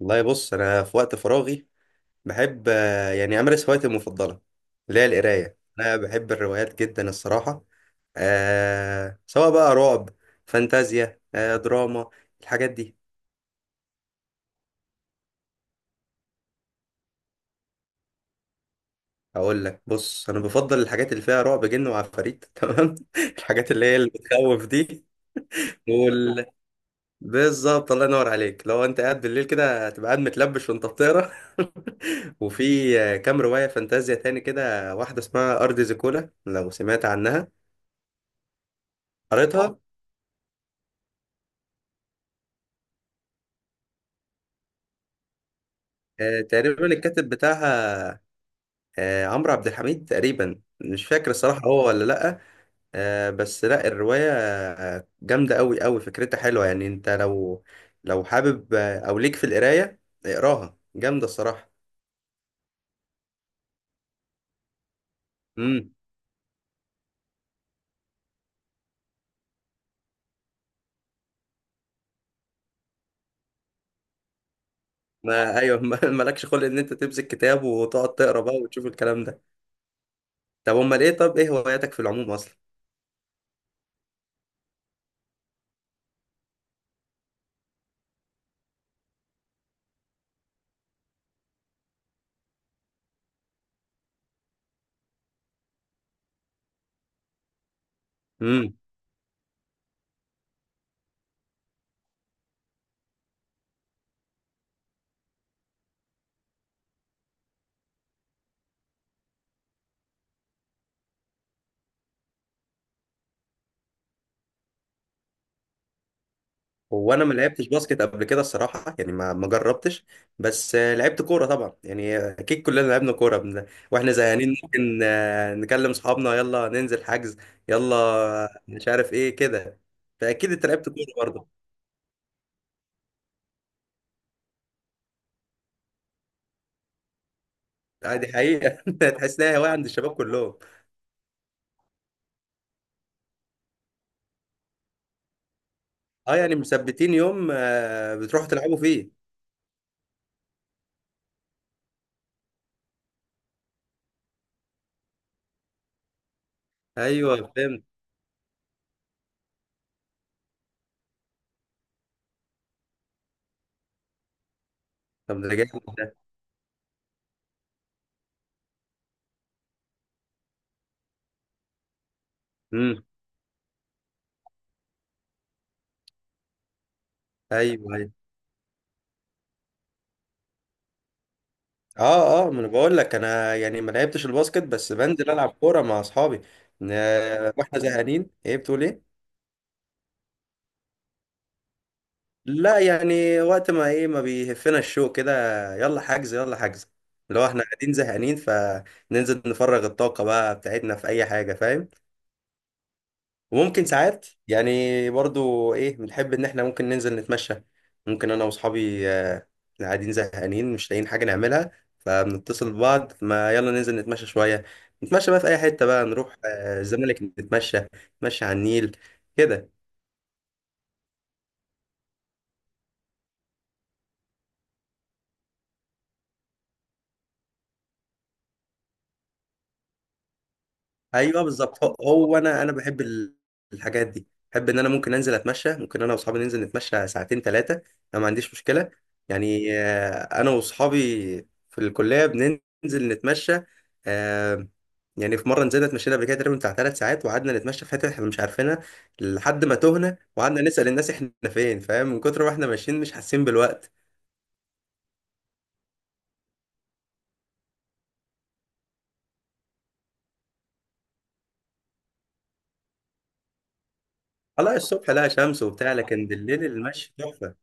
والله بص انا في وقت فراغي بحب، يعني امارس هوايتي المفضله اللي هي القرايه. انا بحب الروايات جدا الصراحه. سواء بقى رعب، فانتازيا، دراما، الحاجات دي. اقول لك بص، انا بفضل الحاجات اللي فيها رعب، جن وعفاريت تمام، الحاجات اللي هي اللي بتخوف دي. وال... بالظبط الله ينور عليك، لو انت قاعد بالليل كده هتبقى قاعد متلبش وانت بتقرا وفي كام روايه فانتازيا تاني كده، واحده اسمها ارض زيكولا، لو سمعت عنها. قريتها، اه. تقريبا الكاتب بتاعها عمرو عبد الحميد تقريبا. مش فاكر الصراحة هو ولا لأ. بس لأ، الرواية جامدة أوي أوي، فكرتها حلوة. يعني أنت لو حابب أو ليك في القراية، اقراها، جامدة الصراحة. امم ما أيوه مالكش خلق إن أنت تمسك كتاب وتقعد تقرا بقى وتشوف الكلام ده. طب إيه هواياتك في العموم أصلا؟ هو انا ما لعبتش باسكت قبل كده الصراحه، يعني ما جربتش. بس لعبت كوره طبعا، يعني اكيد كلنا لعبنا كوره. واحنا زهقانين ممكن نكلم اصحابنا، يلا ننزل حجز يلا، مش عارف ايه كده. فاكيد انت لعبت كوره برضه، عادي حقيقه تحس انها هوايه عند الشباب كلهم. اه، يعني مثبتين يوم بتروحوا تلعبوا فيه؟ ايوه فهمت. طب ده جامد ده. امم، ايوه، أيوه. اه، اه، ما انا بقول لك، انا يعني ما لعبتش الباسكت، بس بنزل العب كوره مع اصحابي. ن- واحنا زهقانين، ايه بتقول، ايه؟ لا، يعني وقت ما ايه، ما بيهفنا الشوق كده، يلا حجز يلا حجز. لو احنا قاعدين زهقانين فننزل نفرغ الطاقه بقى بتاعتنا في اي حاجه، فاهم؟ وممكن ساعات يعني برضو ايه، بنحب ان احنا ممكن ننزل نتمشى. ممكن انا واصحابي اللي قاعدين زهقانين مش لاقيين حاجه نعملها، فبنتصل ببعض، ما يلا ننزل نتمشى شويه. نتمشى بقى في اي حته بقى، نروح الزمالك، نتمشى، نتمشى على النيل كده. ايوه بالظبط، هو انا بحب الحاجات دي. بحب ان انا ممكن انزل اتمشى، ممكن انا واصحابي ننزل نتمشى ساعتين 3. انا ما عنديش مشكله، يعني انا واصحابي في الكليه بننزل نتمشى. آه، يعني في مره نزلنا اتمشينا قبل كده تقريبا بتاع 3 ساعات، وقعدنا نتمشى في حته احنا مش عارفينها لحد ما تهنا، وقعدنا نسال الناس احنا فين، فاهم؟ من كتر ما احنا ماشيين مش حاسين بالوقت. الله، الصبح لا، شمس وبتاع، لكن بالليل المشي تحفه.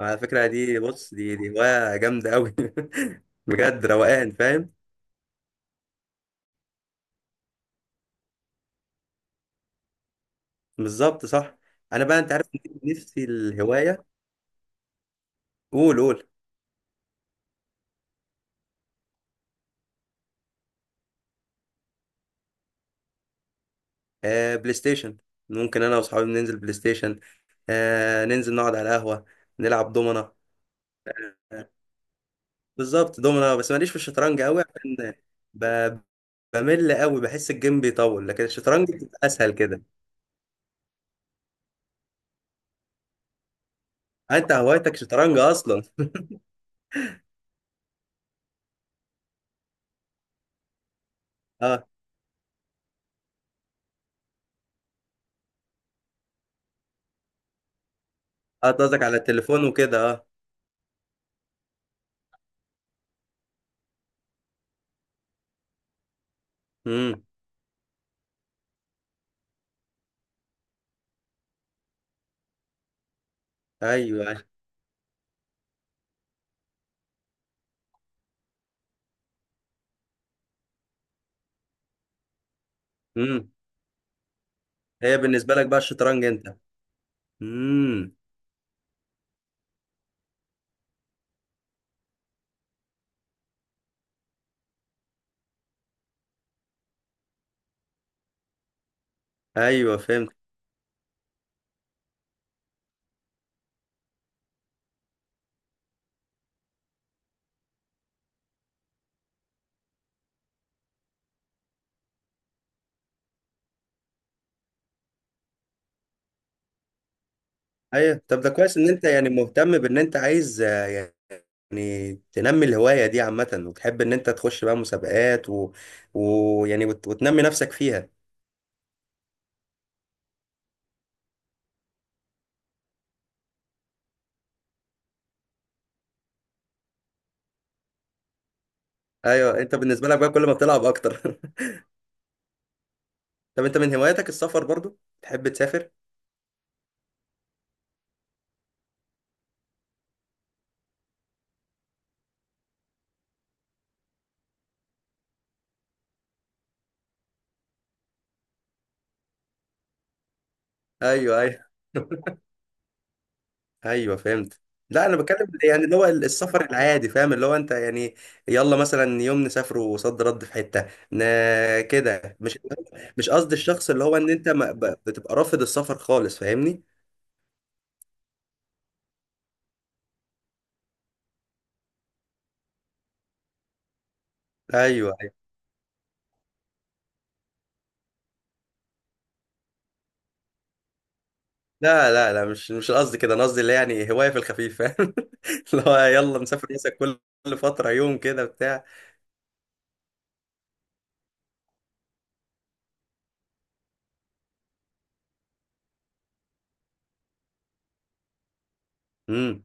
على فكرة دي بص، دي هواية جامدة أوي بجد روقان، فاهم؟ بالظبط صح. أنا بقى أنت عارف، نفسي الهواية. قول قول. آه، بلاي ستيشن. ممكن أنا وأصحابي ننزل بلاي ستيشن، ننزل نقعد على قهوة، نلعب دومنة. آه، بالظبط دومنة. بس ماليش في الشطرنج أوي عشان ب- بمل أوي، بحس الجيم بيطول، لكن الشطرنج بتبقى أسهل كده. أنت هوايتك شطرنج أصلا؟ أه، أه، أنت قصدك على التليفون وكده، أه. أمم، أيوه. امم هي بالنسبة لك بقى الشطرنج انت؟ امم، ايوه فهمت. ايوه، طب ده كويس ان انت يعني مهتم بان انت عايز يعني تنمي الهواية دي عامة، وتحب ان انت تخش بقى مسابقات ويعني وتنمي نفسك فيها. ايوه، انت بالنسبة لك بقى كل ما بتلعب اكتر طب انت من هواياتك السفر برضو، تحب تسافر؟ ايوه، ايوه ايوه فهمت. لا، انا بتكلم يعني اللي هو السفر العادي، فاهم؟ اللي هو انت يعني يلا مثلا يوم نسافروا صد رد في حته، ن... كده، مش مش قصدي الشخص اللي هو ان انت ما... بتبقى رافض السفر خالص، فاهمني؟ ايوه، ايوه. لا، لا، لا، مش قصدي كده، انا قصدي اللي يعني هوايه في الخفيف، فاهم؟ اللي هو يلا نسافر مثلا كل فتره، يوم كده بتاع. امم،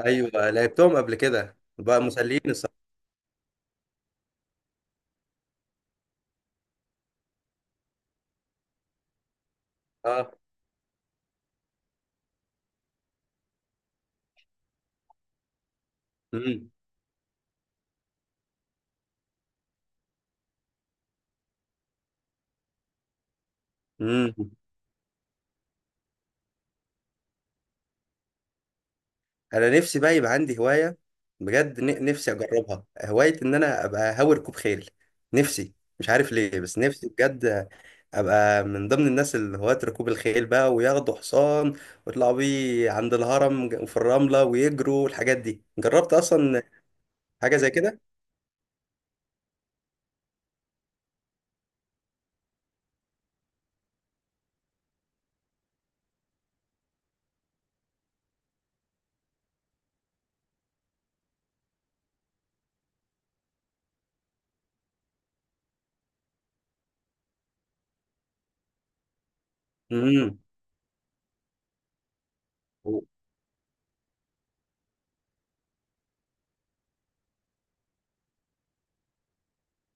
ايوه، لعبتهم قبل كده بقى، مسليين الصراحه. اه، امم، امم. انا نفسي بقى يبقى عندي هوايه، بجد. نفسي اجربها هوايه، ان انا ابقى هاوي ركوب خيل. نفسي، مش عارف ليه، بس نفسي بجد ابقى من ضمن الناس اللي هواة ركوب الخيل بقى، وياخدوا حصان ويطلعوا بيه عند الهرم، في الرمله، ويجروا الحاجات دي. جربت اصلا حاجه زي كده؟ امم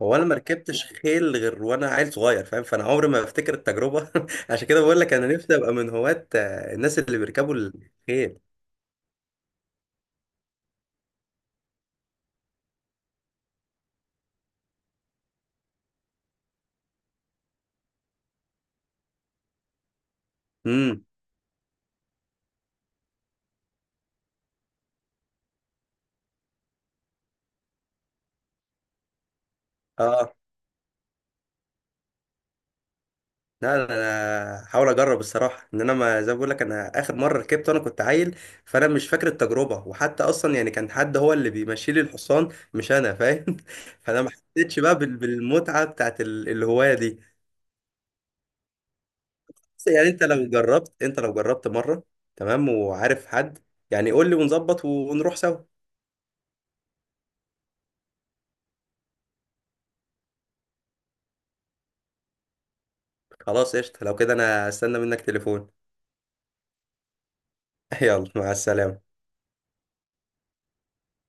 هو انا ما ركبتش خيل غير وانا عيل صغير، فاهم؟ فانا عمري ما بفتكر التجربه عشان كده بقول لك، انا نفسي ابقى من هواة الناس اللي بيركبوا الخيل. امم، اه. لا، لا، انا هحاول اجرب الصراحه، ان انا ما، زي ما بقول لك، انا اخر مره ركبت وانا كنت عيل، فانا مش فاكر التجربه. وحتى اصلا يعني كان حد هو اللي بيمشي لي الحصان، مش انا، فاهم فانا ما حسيتش بقى بالمتعه بتاعت الهوايه دي. بس يعني، انت لو جربت مره، تمام. وعارف حد يعني قول لي ونظبط ونروح سوا. خلاص قشطه، لو كده انا استنى منك تليفون. يلا، مع السلامه.